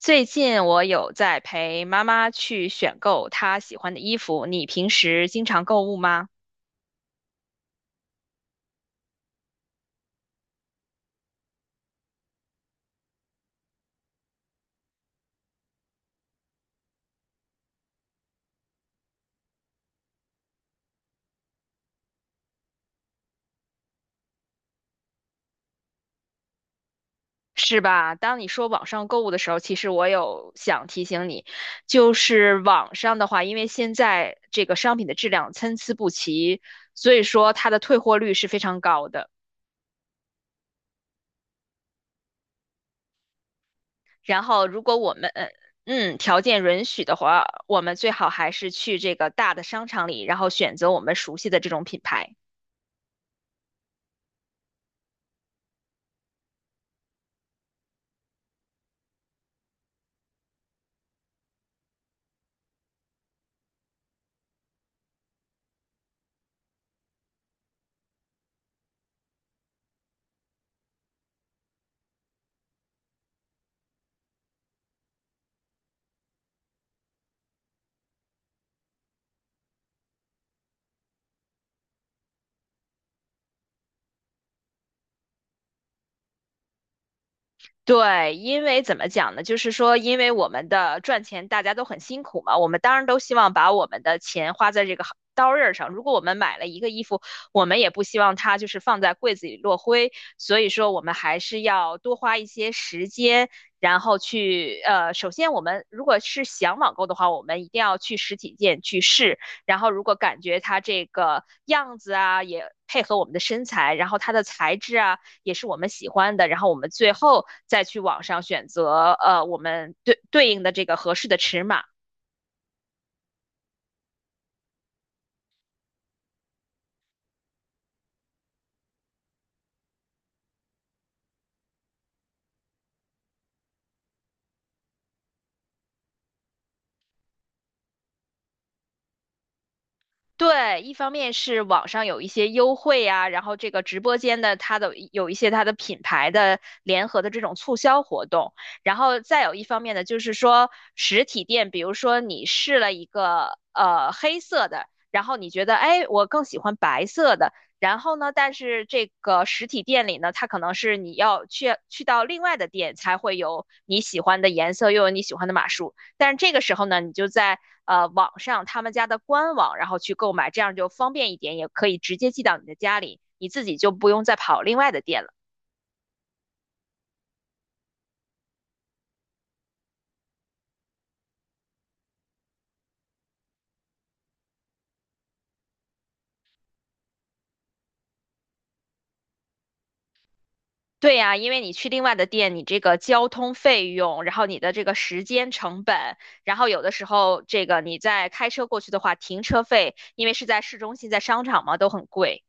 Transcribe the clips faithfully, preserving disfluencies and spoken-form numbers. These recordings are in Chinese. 最近我有在陪妈妈去选购她喜欢的衣服。你平时经常购物吗？是吧？当你说网上购物的时候，其实我有想提醒你，就是网上的话，因为现在这个商品的质量参差不齐，所以说它的退货率是非常高的。然后，如果我们呃嗯条件允许的话，我们最好还是去这个大的商场里，然后选择我们熟悉的这种品牌。对，因为怎么讲呢？就是说，因为我们的赚钱大家都很辛苦嘛，我们当然都希望把我们的钱花在这个行刀刃上。如果我们买了一个衣服，我们也不希望它就是放在柜子里落灰，所以说我们还是要多花一些时间，然后去呃，首先我们如果是想网购的话，我们一定要去实体店去试，然后如果感觉它这个样子啊，也配合我们的身材，然后它的材质啊。也是我们喜欢的，然后我们最后再去网上选择呃我们对对应的这个合适的尺码。对，一方面是网上有一些优惠啊，然后这个直播间的它的有一些它的品牌的联合的这种促销活动，然后再有一方面呢，就是说实体店，比如说你试了一个呃黑色的，然后你觉得哎我更喜欢白色的，然后呢，但是这个实体店里呢，它可能是你要去去到另外的店才会有你喜欢的颜色，又有你喜欢的码数。但是这个时候呢，你就在呃网上他们家的官网，然后去购买，这样就方便一点，也可以直接寄到你的家里，你自己就不用再跑另外的店了。对呀，因为你去另外的店，你这个交通费用，然后你的这个时间成本，然后有的时候这个你在开车过去的话，停车费，因为是在市中心，在商场嘛，都很贵。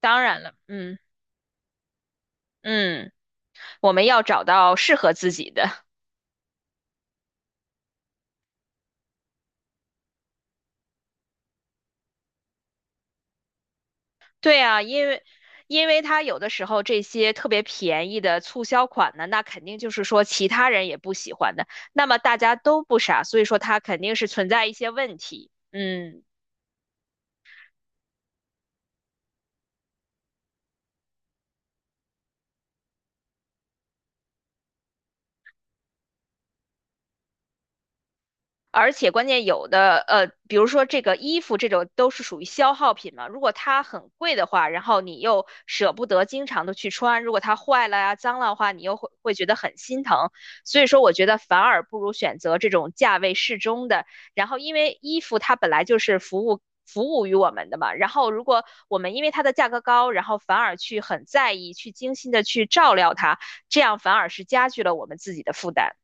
当然了，嗯嗯，我们要找到适合自己的。对啊，因为因为它有的时候这些特别便宜的促销款呢，那肯定就是说其他人也不喜欢的，那么大家都不傻，所以说它肯定是存在一些问题。嗯而且关键有的呃，比如说这个衣服这种都是属于消耗品嘛，如果它很贵的话，然后你又舍不得经常的去穿，如果它坏了呀、脏了的话，你又会会觉得很心疼。所以说，我觉得反而不如选择这种价位适中的。然后，因为衣服它本来就是服务服务于我们的嘛，然后如果我们因为它的价格高，然后反而去很在意、去精心的去照料它，这样反而是加剧了我们自己的负担。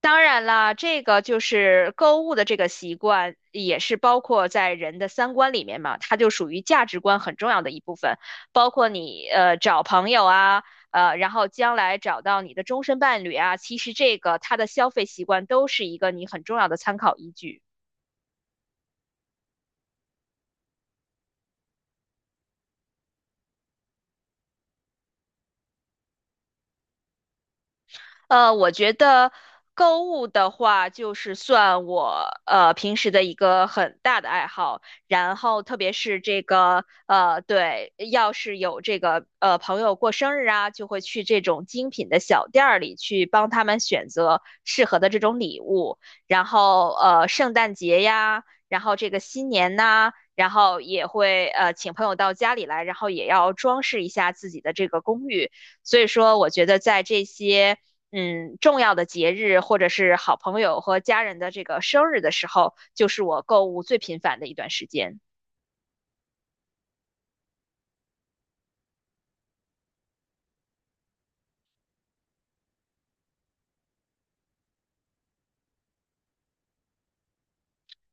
当然啦，这个就是购物的这个习惯，也是包括在人的三观里面嘛，它就属于价值观很重要的一部分，包括你呃找朋友啊，呃，然后将来找到你的终身伴侣啊，其实这个它的消费习惯都是一个你很重要的参考依据。呃，我觉得购物的话，就是算我呃平时的一个很大的爱好。然后，特别是这个呃，对，要是有这个呃朋友过生日啊，就会去这种精品的小店儿里去帮他们选择适合的这种礼物。然后，呃，圣诞节呀，然后这个新年呐、然后也会呃请朋友到家里来，然后也要装饰一下自己的这个公寓。所以说，我觉得在这些嗯，重要的节日或者是好朋友和家人的这个生日的时候，就是我购物最频繁的一段时间。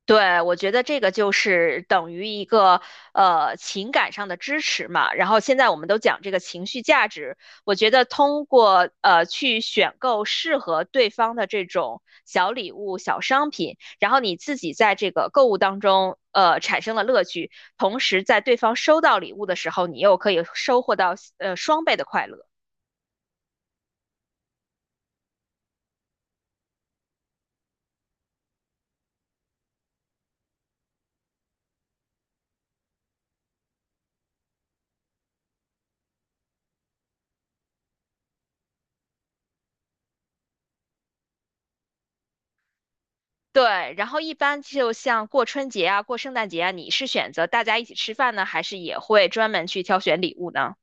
对，我觉得这个就是等于一个呃情感上的支持嘛。然后现在我们都讲这个情绪价值，我觉得通过呃去选购适合对方的这种小礼物、小商品，然后你自己在这个购物当中呃产生了乐趣，同时在对方收到礼物的时候，你又可以收获到呃双倍的快乐。对，然后一般就像过春节啊、过圣诞节啊，你是选择大家一起吃饭呢，还是也会专门去挑选礼物呢？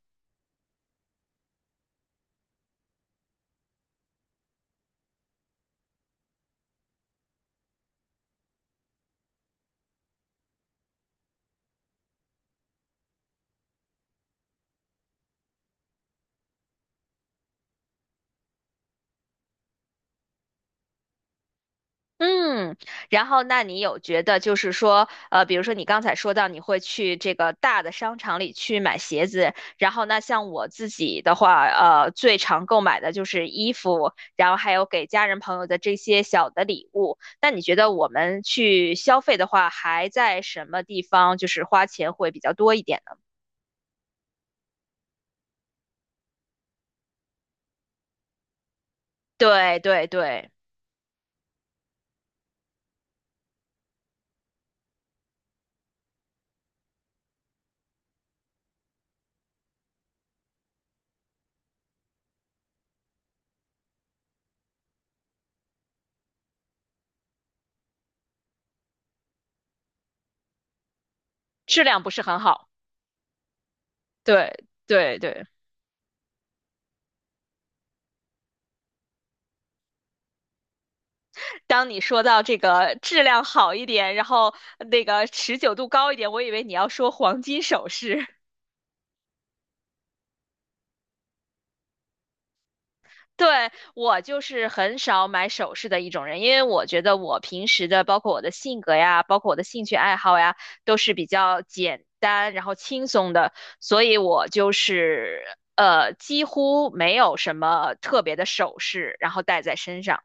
嗯，然后那你有觉得就是说，呃，比如说你刚才说到你会去这个大的商场里去买鞋子，然后那像我自己的话，呃，最常购买的就是衣服，然后还有给家人朋友的这些小的礼物。那你觉得我们去消费的话，还在什么地方就是花钱会比较多一点呢？对对对。质量不是很好。对对对，当你说到这个质量好一点，然后那个持久度高一点，我以为你要说黄金首饰。对，我就是很少买首饰的一种人，因为我觉得我平时的，包括我的性格呀，包括我的兴趣爱好呀，都是比较简单，然后轻松的，所以我就是呃几乎没有什么特别的首饰，然后戴在身上。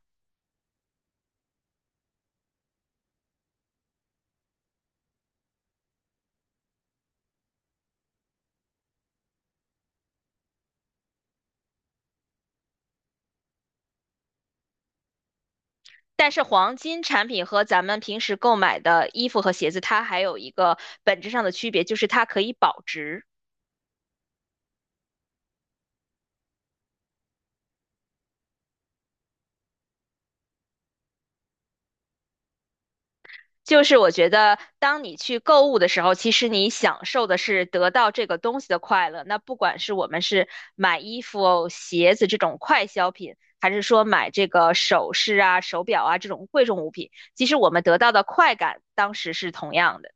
但是黄金产品和咱们平时购买的衣服和鞋子，它还有一个本质上的区别，就是它可以保值。就是我觉得，当你去购物的时候，其实你享受的是得到这个东西的快乐。那不管是我们是买衣服、鞋子这种快消品，还是说买这个首饰啊、手表啊这种贵重物品，其实我们得到的快感当时是同样的。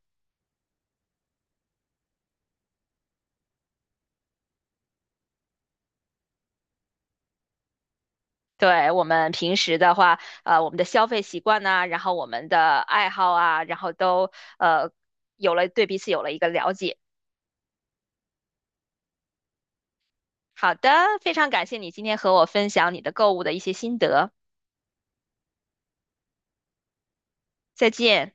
对，我们平时的话，呃，我们的消费习惯呐，然后我们的爱好啊，然后都呃有了对彼此有了一个了解。好的，非常感谢你今天和我分享你的购物的一些心得，再见。